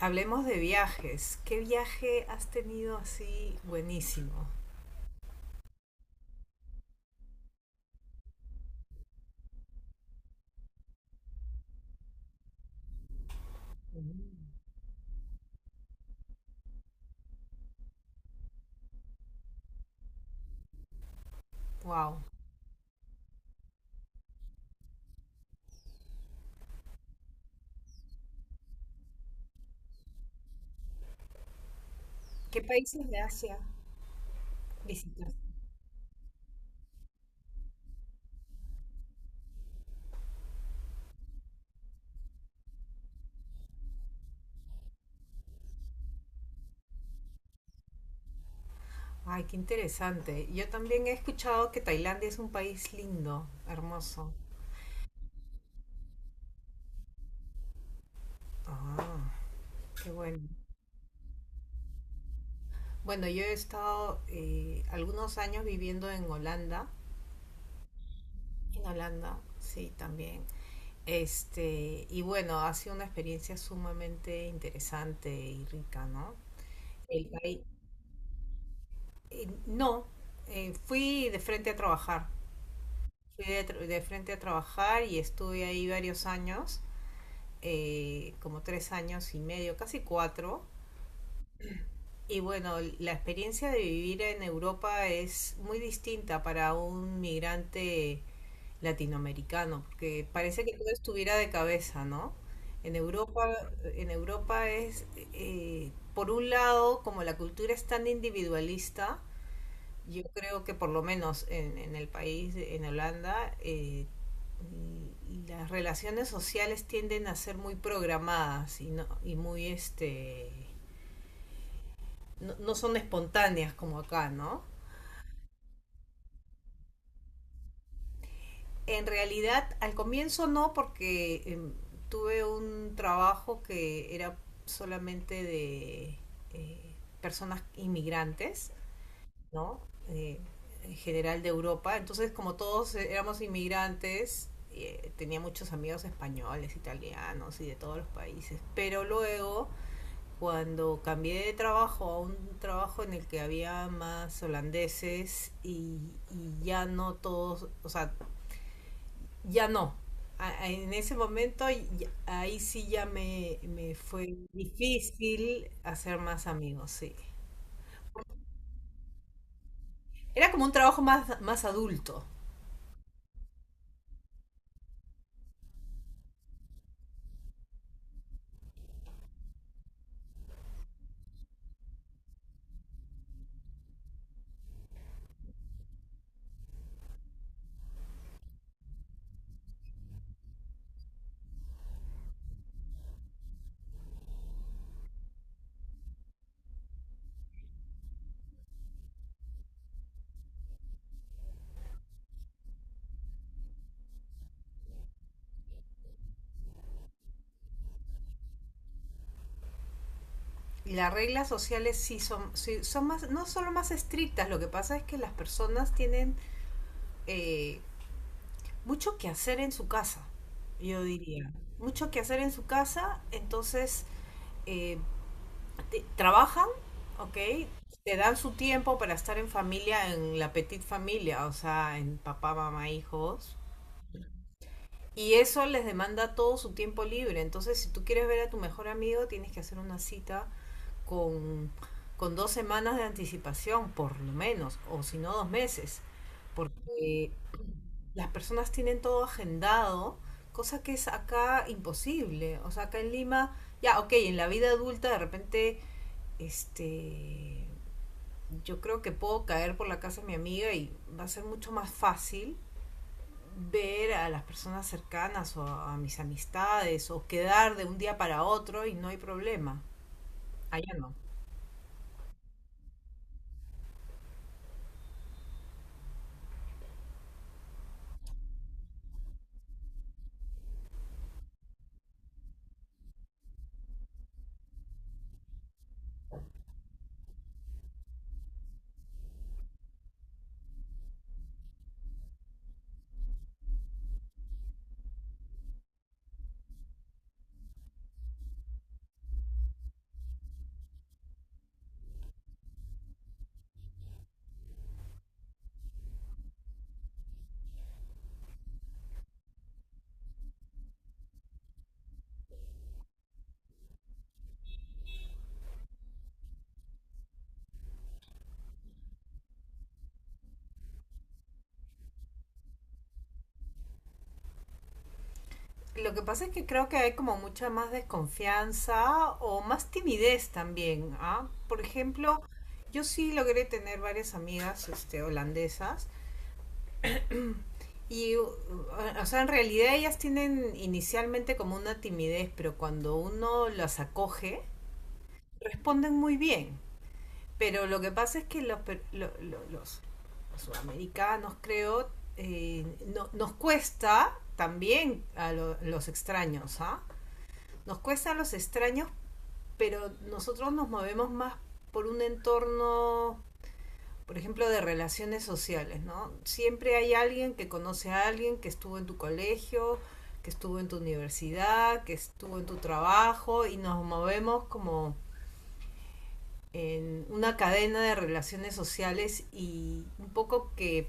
Hablemos de viajes. ¿Qué viaje has tenido así buenísimo? Wow. ¿Qué países de Asia visitaste? Ay, qué interesante. Yo también he escuchado que Tailandia es un país lindo, hermoso. Ah, qué bueno. Bueno, yo he estado algunos años viviendo en Holanda. En Holanda, sí, también. Y bueno, ha sido una experiencia sumamente interesante y rica, ¿no? El país. No, fui de frente a trabajar. Fui de frente a trabajar y estuve ahí varios años, como 3 años y medio, casi cuatro. Y bueno, la experiencia de vivir en Europa es muy distinta para un migrante latinoamericano, porque parece que todo estuviera de cabeza, ¿no? En Europa, en Europa es, por un lado, como la cultura es tan individualista. Yo creo que por lo menos en el país, en Holanda, y- las relaciones sociales tienden a ser muy programadas y, no, y muy, no, no son espontáneas como acá, ¿no? En realidad, al comienzo no, porque tuve un trabajo que era solamente de eh, personas inmigrantes, ¿no? Eh, en general de Europa. Entonces, como todos éramos inmigrantes, tenía muchos amigos españoles, italianos y de todos los países. Pero luego, cuando cambié de trabajo a un trabajo en el que había más holandeses y ya no todos, o sea, ya no. En ese momento, ahí sí ya me fue difícil hacer más amigos, sí. Era como un trabajo más, más adulto. Las reglas sociales sí son más, no solo más estrictas, lo que pasa es que las personas tienen eh, mucho que hacer en su casa, yo diría. Mucho que hacer en su casa, entonces eh, trabajan, ¿ok? Te dan su tiempo para estar en familia, en la petit familia, o sea, en papá, mamá, hijos. Y eso les demanda todo su tiempo libre. Entonces, si tú quieres ver a tu mejor amigo, tienes que hacer una cita con, con 2 semanas de anticipación, por lo menos, o si no 2 meses, porque las personas tienen todo agendado, cosa que es acá imposible. O sea, acá en Lima, ya, ok, en la vida adulta de repente, este, yo creo que puedo caer por la casa de mi amiga y va a ser mucho más fácil ver a las personas cercanas o a mis amistades o quedar de un día para otro y no hay problema. Allá no. Lo que pasa es que creo que hay como mucha más desconfianza o más timidez también, ¿ah? Por ejemplo, yo sí logré tener varias amigas holandesas y, o sea, en realidad ellas tienen inicialmente como una timidez, pero cuando uno las acoge, responden muy bien. Pero lo que pasa es que los, per- lo- los sudamericanos, creo, eh, nos cuesta también a los extraños, ¿ah? Nos cuesta a los extraños, pero nosotros nos movemos más por un entorno, por ejemplo, de relaciones sociales, ¿no? Siempre hay alguien que conoce a alguien que estuvo en tu colegio, que estuvo en tu universidad, que estuvo en tu trabajo y nos movemos como en una cadena de relaciones sociales y un poco que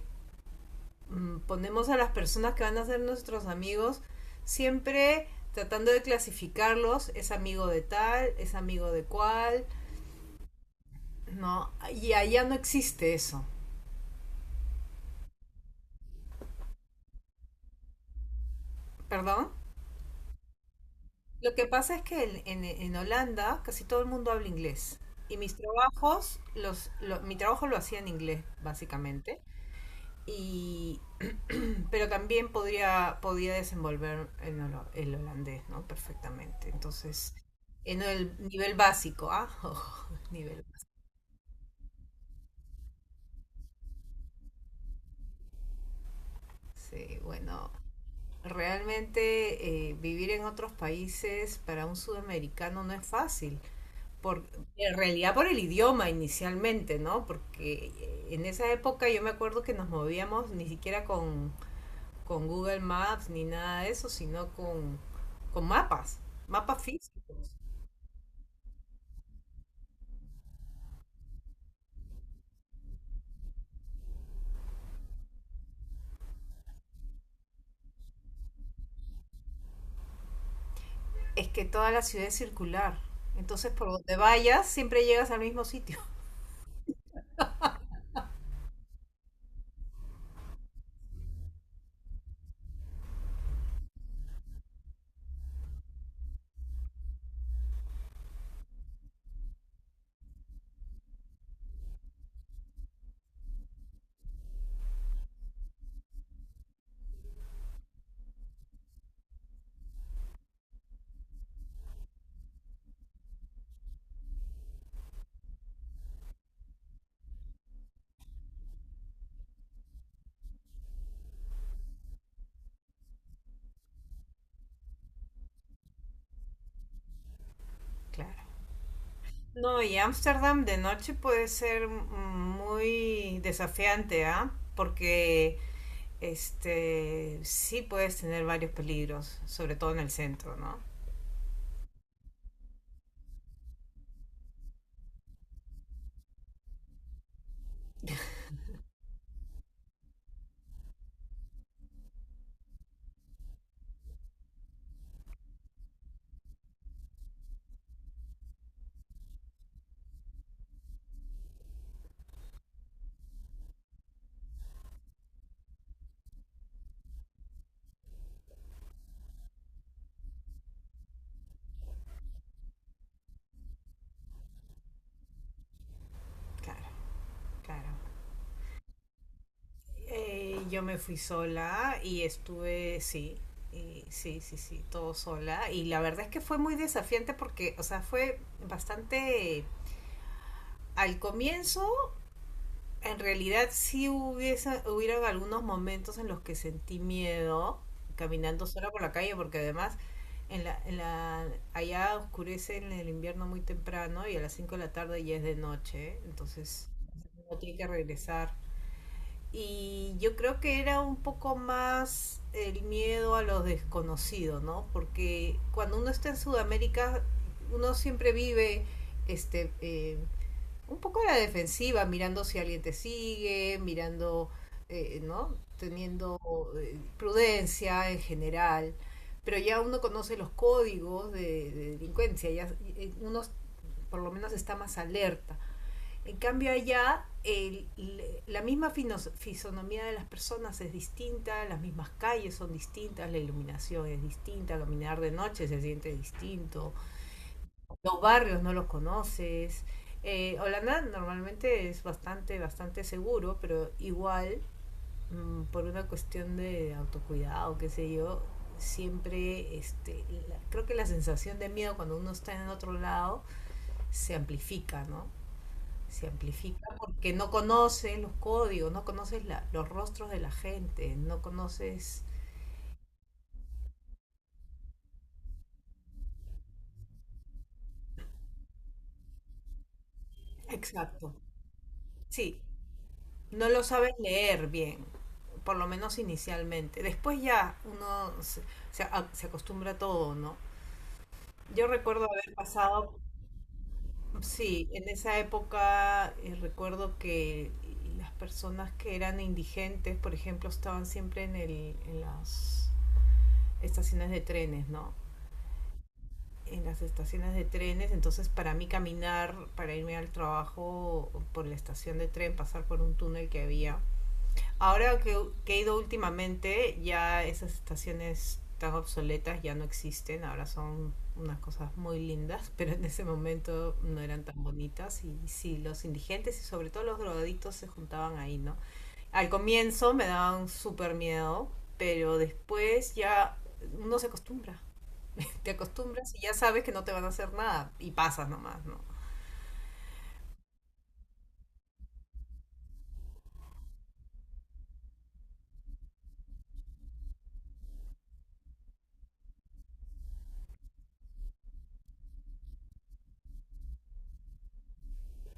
ponemos a las personas que van a ser nuestros amigos siempre tratando de clasificarlos, es amigo de tal, es amigo de cual. No, y allá no existe eso. ¿Perdón? Lo que pasa es que en Holanda casi todo el mundo habla inglés. Y mis trabajos, mi trabajo lo hacía en inglés, básicamente. Y, pero también podría, podía desenvolver el holandés, ¿no? Perfectamente. Entonces, en el nivel básico, ¿ah? Ojo, nivel básico. Sí, bueno, realmente vivir en otros países para un sudamericano no es fácil. Por, en realidad por el idioma inicialmente, ¿no? Porque en esa época yo me acuerdo que nos movíamos ni siquiera con Google Maps ni nada de eso, sino con mapas, mapas físicos. Es que toda la ciudad es circular, entonces por donde vayas siempre llegas al mismo sitio. Claro. No, y Ámsterdam de noche puede ser muy desafiante, ¿ah? Porque este sí puedes tener varios peligros, sobre todo en el centro, ¿no? Claro, claro. Yo me fui sola y estuve, sí, y sí, sí, sí, todo sola. Y la verdad es que fue muy desafiante porque, o sea, fue bastante. Al comienzo, en realidad sí hubiese, hubieron algunos momentos en los que sentí miedo caminando sola por la calle porque además en la, en la, allá oscurece en el invierno muy temprano y a las 5 de la tarde ya es de noche, entonces uno tiene que regresar. Y yo creo que era un poco más el miedo a lo desconocido, ¿no? Porque cuando uno está en Sudamérica, uno siempre vive este, eh, un poco a la defensiva, mirando si alguien te sigue, mirando, ¿no? Teniendo prudencia en general. Pero ya uno conoce los códigos de delincuencia, ya uno por lo menos está más alerta. En cambio allá la misma fisonomía de las personas es distinta, las mismas calles son distintas, la iluminación es distinta, caminar de noche se siente distinto, los barrios no los conoces. Holanda normalmente es bastante, bastante seguro, pero igual por una cuestión de autocuidado, qué sé yo, siempre creo que la sensación de miedo cuando uno está en otro lado se amplifica, ¿no? Se amplifica porque no conoces los códigos, no conoces los rostros de la gente, no conoces. Exacto, sí, no lo sabes leer bien, por lo menos inicialmente. Después ya uno se acostumbra a todo, ¿no? Yo recuerdo haber pasado, sí, en esa época recuerdo que las personas que eran indigentes, por ejemplo, estaban siempre en las estaciones de trenes, ¿no? En las estaciones de trenes, entonces para mí caminar, para irme al trabajo por la estación de tren, pasar por un túnel que había. Ahora que he ido últimamente, ya esas estaciones tan obsoletas ya no existen, ahora son unas cosas muy lindas, pero en ese momento no eran tan bonitas y sí, los indigentes y sobre todo los drogadictos se juntaban ahí, ¿no? Al comienzo me daban súper miedo, pero después ya uno se acostumbra, te acostumbras y ya sabes que no te van a hacer nada y pasas nomás, ¿no?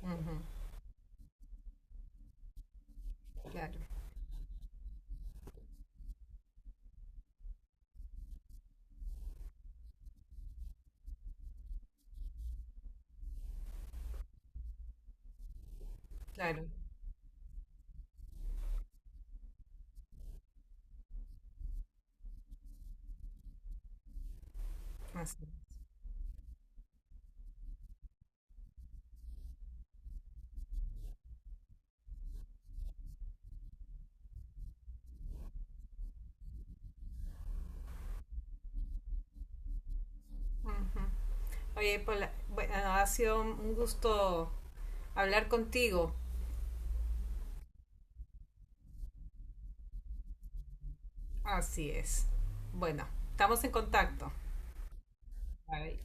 Ujú, claro, claro, así. Ujú. Oye, Paula, bueno, ha sido un gusto hablar contigo. Así es. Bueno, estamos en contacto. Bye.